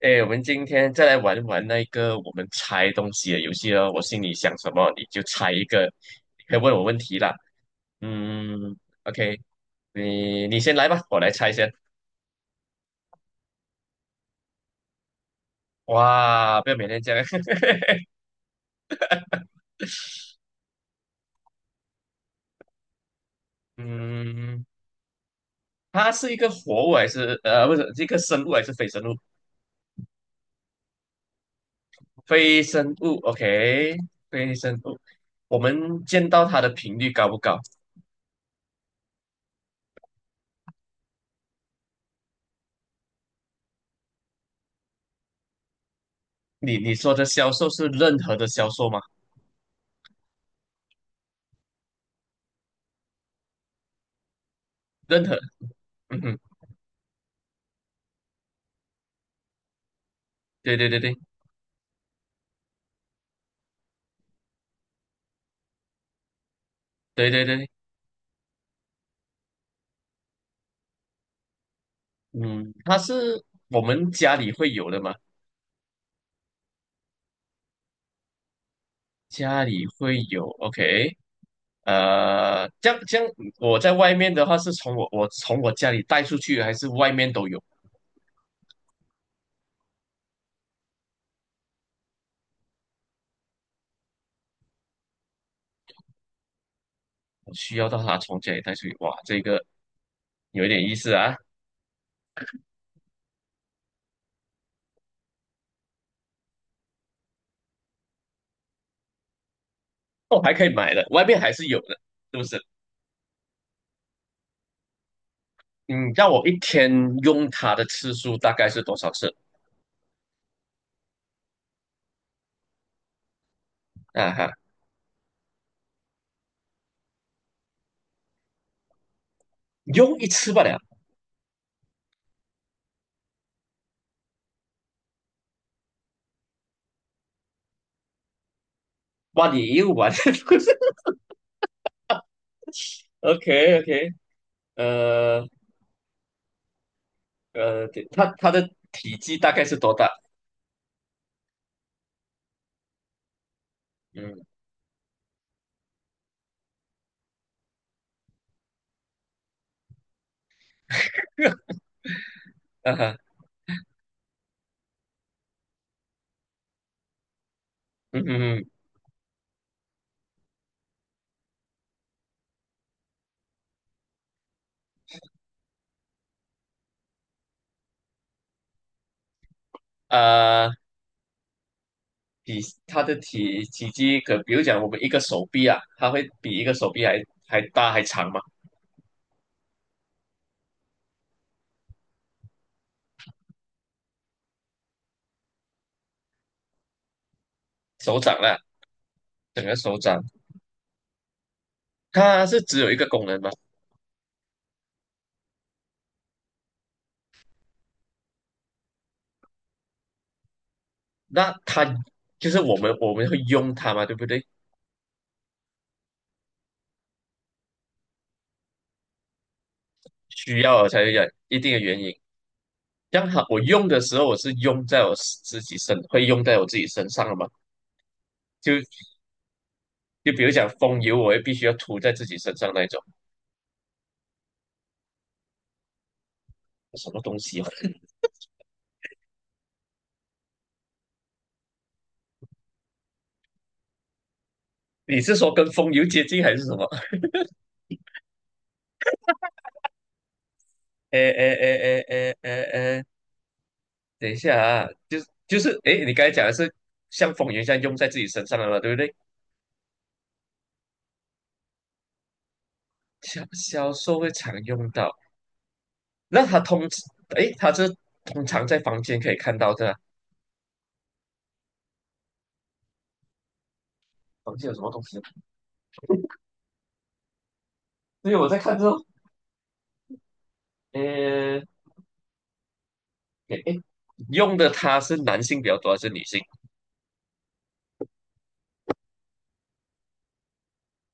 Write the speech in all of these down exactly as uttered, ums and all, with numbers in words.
哎，我们今天再来玩玩那个我们猜东西的游戏哦。我心里想什么，你就猜一个，你可以问我问题啦。嗯，OK，你你先来吧，我来猜先。哇，不要每天这样。嗯，它是一个活物还是呃不是，是一个生物还是非生物？非生物，OK，非生物。我们见到它的频率高不高？你你说的销售是任何的销售吗？任何，嗯哼，对对对对对对对嗯，它是我们家里会有的吗？家里会有，OK，呃，这样这样，我在外面的话是从我我从我家里带出去，还是外面都有？我需要到它从家里带出去，哇，这个有一点意思啊，哦，还可以买的，外面还是有的，是不是？嗯，让我一天用它的次数大概是多少次？啊哈，用一次罢了，哇，你又玩 ，OK OK，呃呃，它它的体积大概是多大？嗯。嗯哼，嗯嗯哼，呃，比它的体体积可，比如讲我们一个手臂啊，它会比一个手臂还还大还长嘛，手掌啦，整个手掌，它是只有一个功能嘛，那它就是我们我们会用它嘛，对不对？需要才有一定的原因，让它我用的时候，我是用在我自己身，会用在我自己身上了嘛，就就比如讲风油，我也必须要涂在自己身上那一种，什么东西啊？你是说跟风油接近还是什么？哎哎哎哎哎哎哎，等一下啊，就是就是哎，你刚才讲的是像风云一样用在自己身上的嘛，对不对？销销售会常用到，那他通哎，他这通常在房间可以看到的啊，房间有什么东西？对，我在看这种，呃，哎哎，用的他是男性比较多还是女性？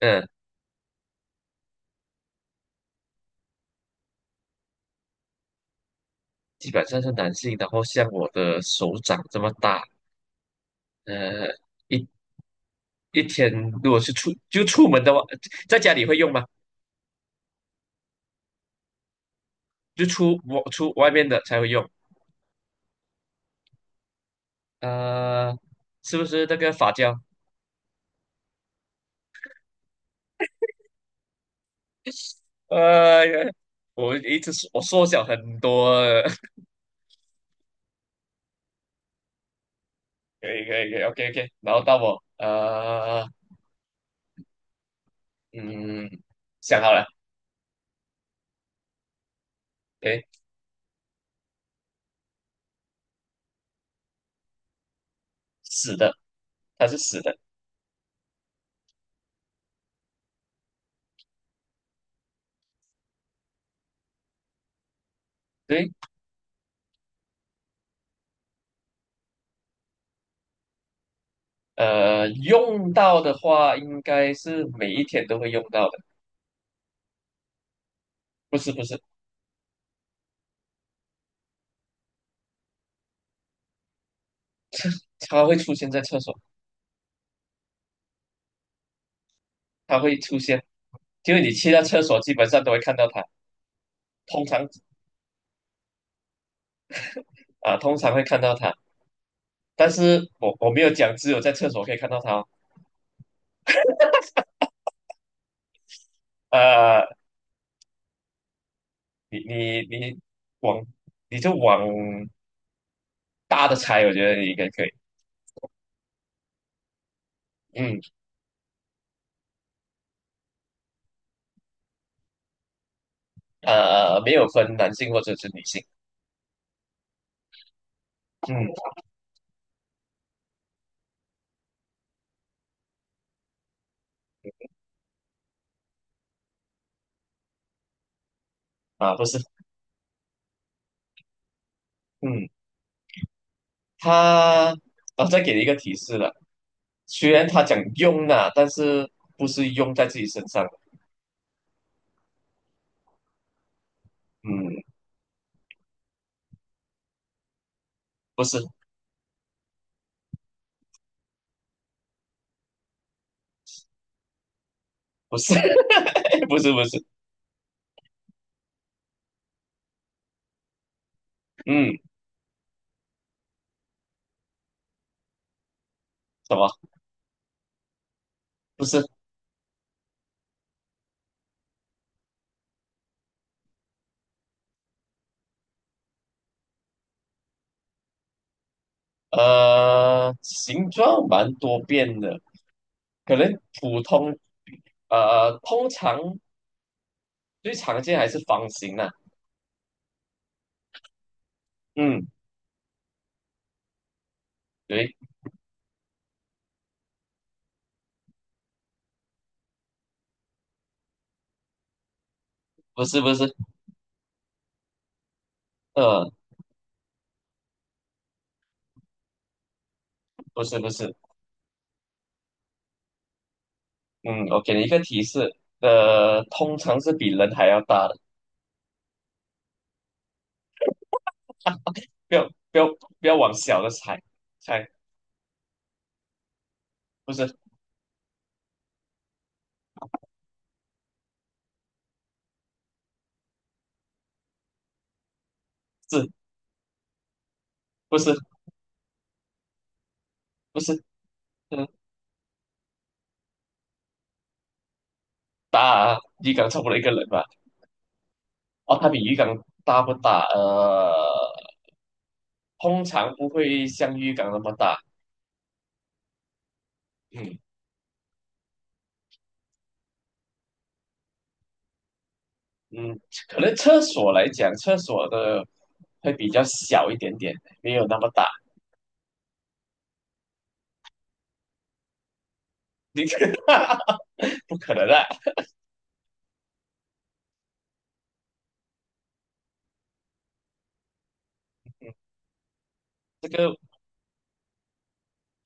嗯，基本上是男性，然后像我的手掌这么大，呃，一一天如果是出就出门的话，在家里会用吗？就出我出外面的才会用，呃，是不是那个发胶？呀，我一直缩我缩小很多了，可以可以可以，OK OK，然后到我呃嗯想好了，对，死的，它是死的，对，呃，用到的话应该是每一天都会用到的，不是不是，它会出现在厕所，它会出现，就是你去到厕所基本上都会看到它，通常啊、通常会看到它。但是我我没有讲，只有在厕所可以看到它哦呃，你你你往你就往大的猜，我觉得你应该可以。嗯，呃，没有分男性或者是女性。嗯，啊，不是，嗯，它，啊，再给你一个提示了。虽然他讲用啊，但是不是用在自己身上的嗯，不是，不是，不是，不是。嗯，什么？不是。呃，形状蛮多变的，可能普通呃通常最常见还是方形的、嗯，对，不是不是，呃，不是不是，嗯，我给你一个提示，呃，通常是比人还要大的，不要不要不要往小的猜猜，不是是不是不是，嗯，大啊鱼缸差不多一个人吧，哦，它比鱼缸大不大？呃，通常不会像鱼缸那么大，嗯，嗯，可能厕所来讲，厕所的会比较小一点点，没有那么大。你看，不可能啊！这个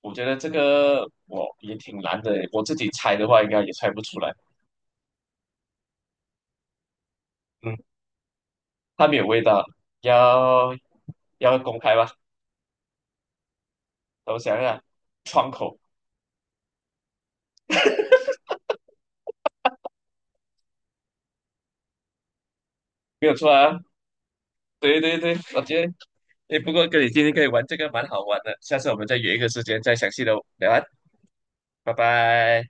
我觉得这个我也挺难的，我自己猜的话应该也猜不出来。嗯，它没有味道，要要公开吧？等我想一下，窗口没有错啊。对对对，我觉得诶，不过跟你今天可以玩这个蛮好玩的，下次我们再约一个时间再详细的聊啊，拜拜。